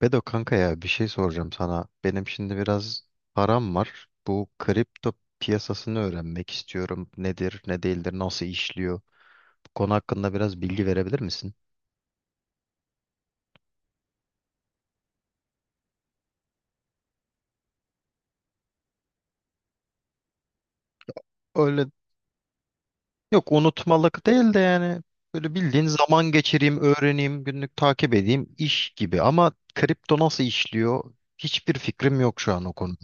Bedo kanka ya bir şey soracağım sana. Benim şimdi biraz param var. Bu kripto piyasasını öğrenmek istiyorum. Nedir, ne değildir, nasıl işliyor? Bu konu hakkında biraz bilgi verebilir misin? Öyle, yok unutmalık değil de yani, böyle bildiğin zaman geçireyim, öğreneyim, günlük takip edeyim iş gibi. Ama kripto nasıl işliyor? Hiçbir fikrim yok şu an o konuda.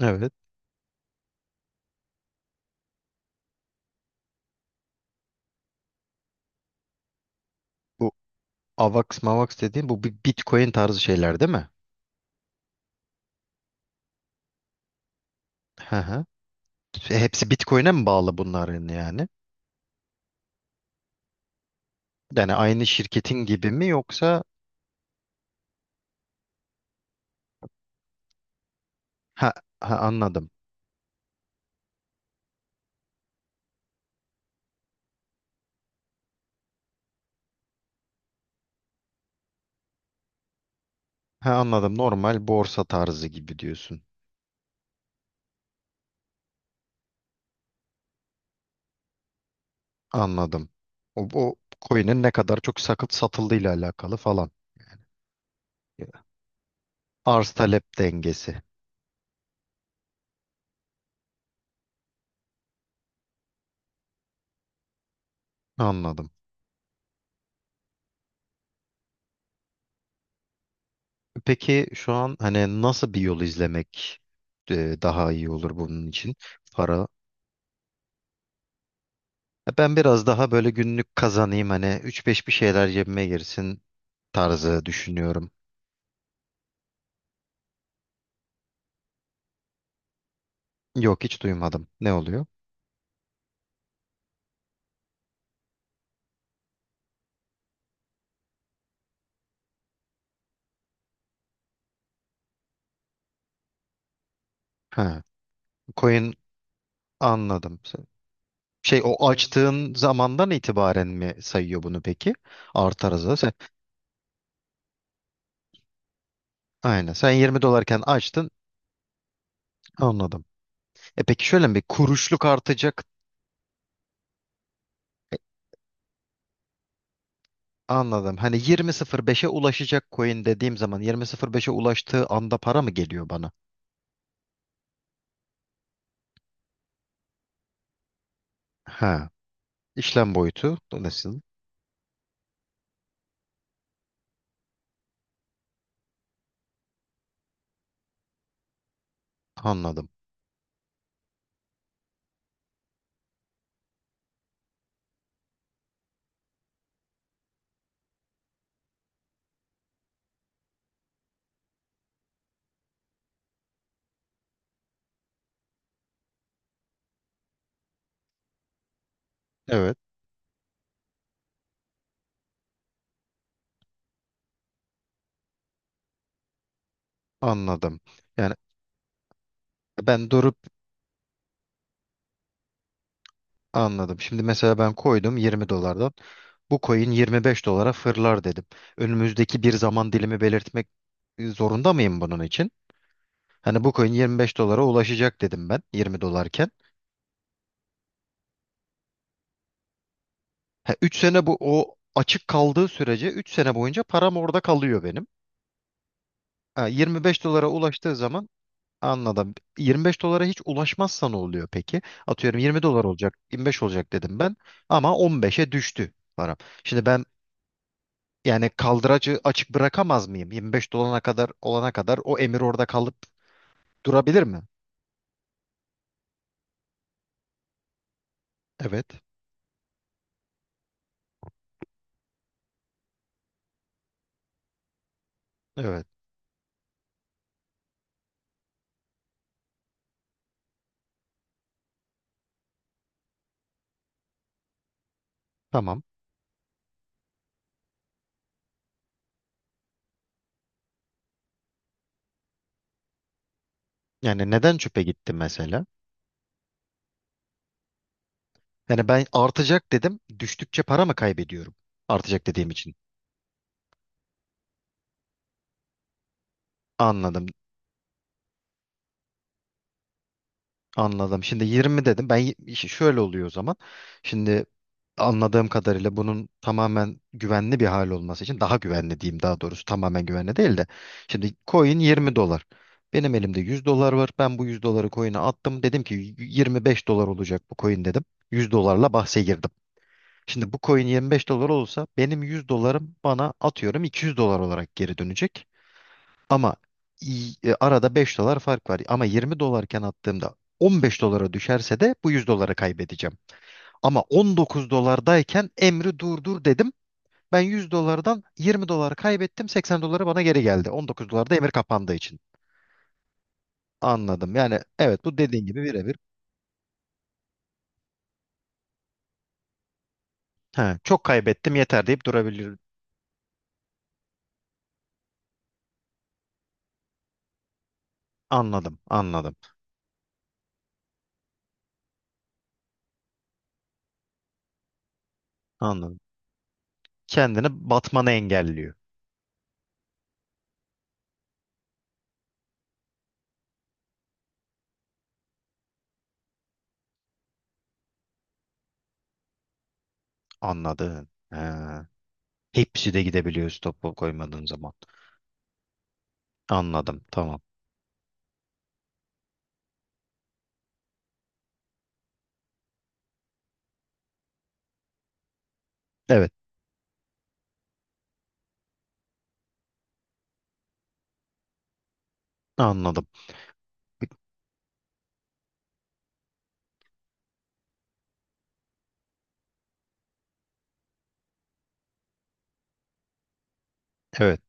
Evet. Bu AVAX MAVAX dediğim bu bir Bitcoin tarzı şeyler değil mi? Hı hı. Hepsi Bitcoin'e mi bağlı bunların yani? Yani aynı şirketin gibi mi yoksa? Ha, ha anladım. Ha, anladım. Normal borsa tarzı gibi diyorsun. Anladım. O coin'in ne kadar çok sakıp satıldığıyla alakalı falan. Arz talep dengesi. Anladım. Peki şu an hani nasıl bir yol izlemek daha iyi olur bunun için? Para. Ben biraz daha böyle günlük kazanayım, hani üç beş bir şeyler cebime girsin tarzı düşünüyorum. Yok, hiç duymadım. Ne oluyor? Ha. Coin. Anladım. Şey, o açtığın zamandan itibaren mi sayıyor bunu peki? Artar azalır. Sen, aynen. Sen 20 dolarken açtın. Anladım. Peki şöyle mi? Kuruşluk artacak. Anladım. Hani 20.05'e ulaşacak coin dediğim zaman 20.05'e ulaştığı anda para mı geliyor bana? Ha. İşlem boyutu nasıl? Anladım. Evet. Anladım. Yani ben durup anladım. Şimdi mesela ben koydum 20 dolardan. Bu coin 25 dolara fırlar dedim. Önümüzdeki bir zaman dilimi belirtmek zorunda mıyım bunun için? Hani bu coin 25 dolara ulaşacak dedim ben 20 dolarken. Ha, 3 sene, bu o açık kaldığı sürece 3 sene boyunca param orada kalıyor benim. Ha, 25 dolara ulaştığı zaman anladım. 25 dolara hiç ulaşmazsa ne oluyor peki? Atıyorum 20 dolar olacak, 25 olacak dedim ben ama 15'e düştü param. Şimdi ben yani kaldıracı açık bırakamaz mıyım? 25 dolana kadar, olana kadar o emir orada kalıp durabilir mi? Evet. Evet. Tamam. Yani neden çöpe gitti mesela? Yani ben artacak dedim. Düştükçe para mı kaybediyorum? Artacak dediğim için. Anladım. Anladım. Şimdi 20 dedim. Ben işte şöyle oluyor o zaman. Şimdi anladığım kadarıyla bunun tamamen güvenli bir hal olması için daha güvenli diyeyim, daha doğrusu tamamen güvenli değil de. Şimdi coin 20 dolar. Benim elimde 100 dolar var. Ben bu 100 doları coin'e attım. Dedim ki 25 dolar olacak bu coin dedim. 100 dolarla bahse girdim. Şimdi bu coin 25 dolar olsa benim 100 dolarım bana atıyorum 200 dolar olarak geri dönecek. Ama arada 5 dolar fark var. Ama 20 dolarken attığımda 15 dolara düşerse de bu 100 doları kaybedeceğim. Ama 19 dolardayken emri durdur dedim. Ben 100 dolardan 20 dolar kaybettim. 80 doları bana geri geldi. 19 dolarda emir kapandığı için. Anladım. Yani evet, bu dediğin gibi birebir. He, çok kaybettim yeter deyip durabilir. Anladım, anladım, anladım. Kendini batmanı engelliyor. Anladın. He. Hepsi de gidebiliyor stopu koymadığın zaman. Anladım. Tamam. Evet. Anladım. Evet.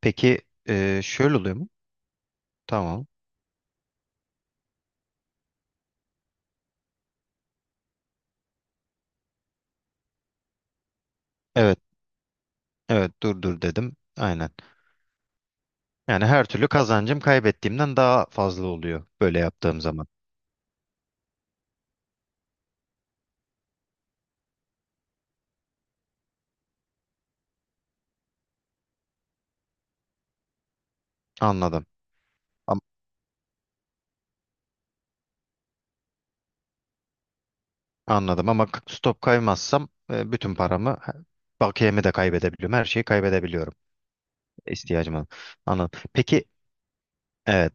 Peki şöyle oluyor mu? Tamam. Evet. Evet. Dur dur dedim. Aynen. Yani her türlü kazancım kaybettiğimden daha fazla oluyor böyle yaptığım zaman. Anladım. Am- Anladım ama stop kaymazsam, bütün paramı, bakiyemi de kaybedebiliyorum. Her şeyi kaybedebiliyorum. İhtiyacım olan. Anladım. Peki, evet.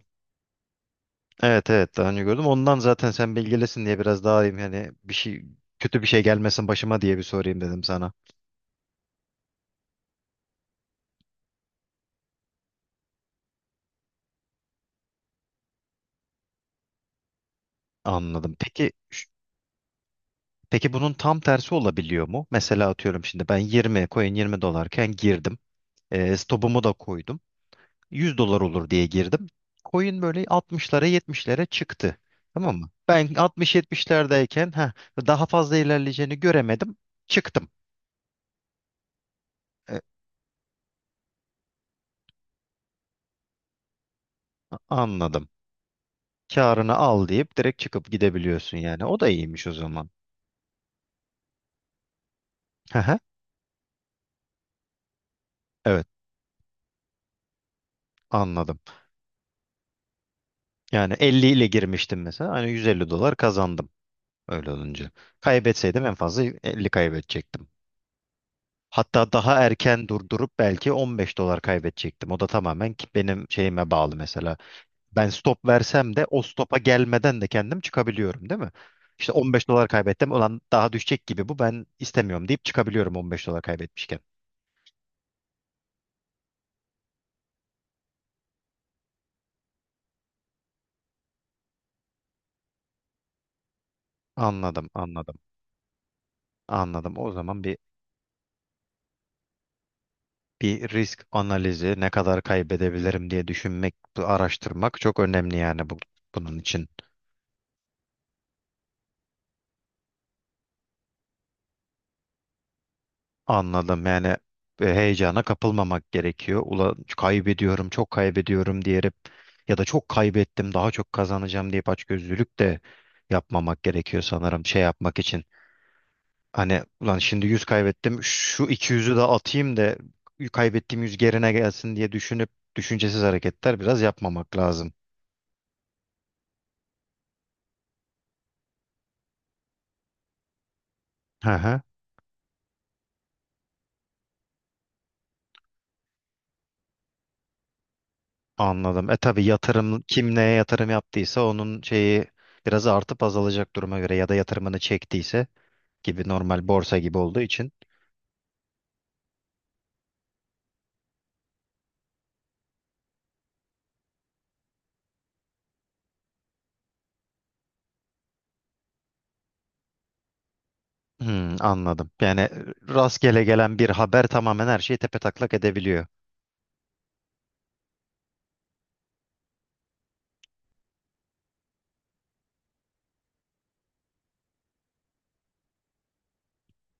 Evet evet, daha önce gördüm. Ondan zaten sen bilgilesin diye biraz daha iyiyim. Hani bir şey, kötü bir şey gelmesin başıma diye bir sorayım dedim sana. Anladım. Peki peki, bunun tam tersi olabiliyor mu? Mesela atıyorum şimdi ben 20 coin 20 dolarken girdim. Stopumu da koydum. 100 dolar olur diye girdim. Coin böyle 60'lara 70'lere çıktı. Tamam mı? Ben 60-70'lerdeyken daha fazla ilerleyeceğini göremedim. Çıktım. E, Anladım. Karını al deyip direkt çıkıp gidebiliyorsun yani. O da iyiymiş o zaman. Aha, evet anladım. Yani 50 ile girmiştim mesela. Hani 150 dolar kazandım öyle olunca. Kaybetseydim en fazla 50 kaybedecektim. Hatta daha erken durdurup belki 15 dolar kaybedecektim. O da tamamen ki benim şeyime bağlı mesela. Ben stop versem de o stopa gelmeden de kendim çıkabiliyorum değil mi? İşte 15 dolar kaybettim. Ulan daha düşecek gibi bu, ben istemiyorum deyip çıkabiliyorum 15 dolar kaybetmişken. Anladım, anladım. Anladım. O zaman bir risk analizi ne kadar kaybedebilirim diye düşünmek, araştırmak çok önemli yani bu, bunun için. Anladım. Yani heyecana kapılmamak gerekiyor. Ulan kaybediyorum, çok kaybediyorum diyerek ya da çok kaybettim, daha çok kazanacağım deyip açgözlülük de yapmamak gerekiyor sanırım şey yapmak için. Hani ulan şimdi 100 kaybettim, şu 200'ü de atayım da kaybettiğim 100 gerine gelsin diye düşünüp düşüncesiz hareketler biraz yapmamak lazım. Hı hı. Anladım. Tabii yatırım, kim neye yatırım yaptıysa onun şeyi biraz artıp azalacak duruma göre, ya da yatırımını çektiyse gibi normal borsa gibi olduğu için. Anladım. Yani rastgele gelen bir haber tamamen her şeyi tepetaklak edebiliyor.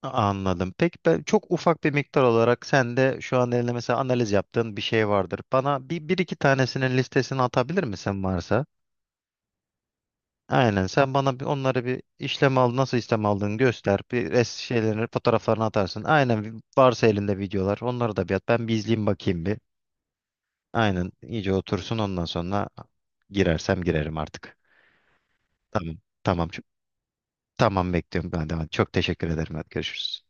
Anladım. Peki ben çok ufak bir miktar olarak sen de şu an elinde mesela analiz yaptığın bir şey vardır. Bana bir iki tanesinin listesini atabilir misin varsa? Aynen. Sen bana bir onları bir işlem al, nasıl işlem aldığını göster. Bir res şeylerini fotoğraflarını atarsın. Aynen varsa elinde videolar onları da bir at. Ben bir izleyeyim bakayım bir. Aynen, iyice otursun ondan sonra girersem girerim artık. Tamam. Tamam. Tamam, bekliyorum ben de. Çok teşekkür ederim. Hadi görüşürüz.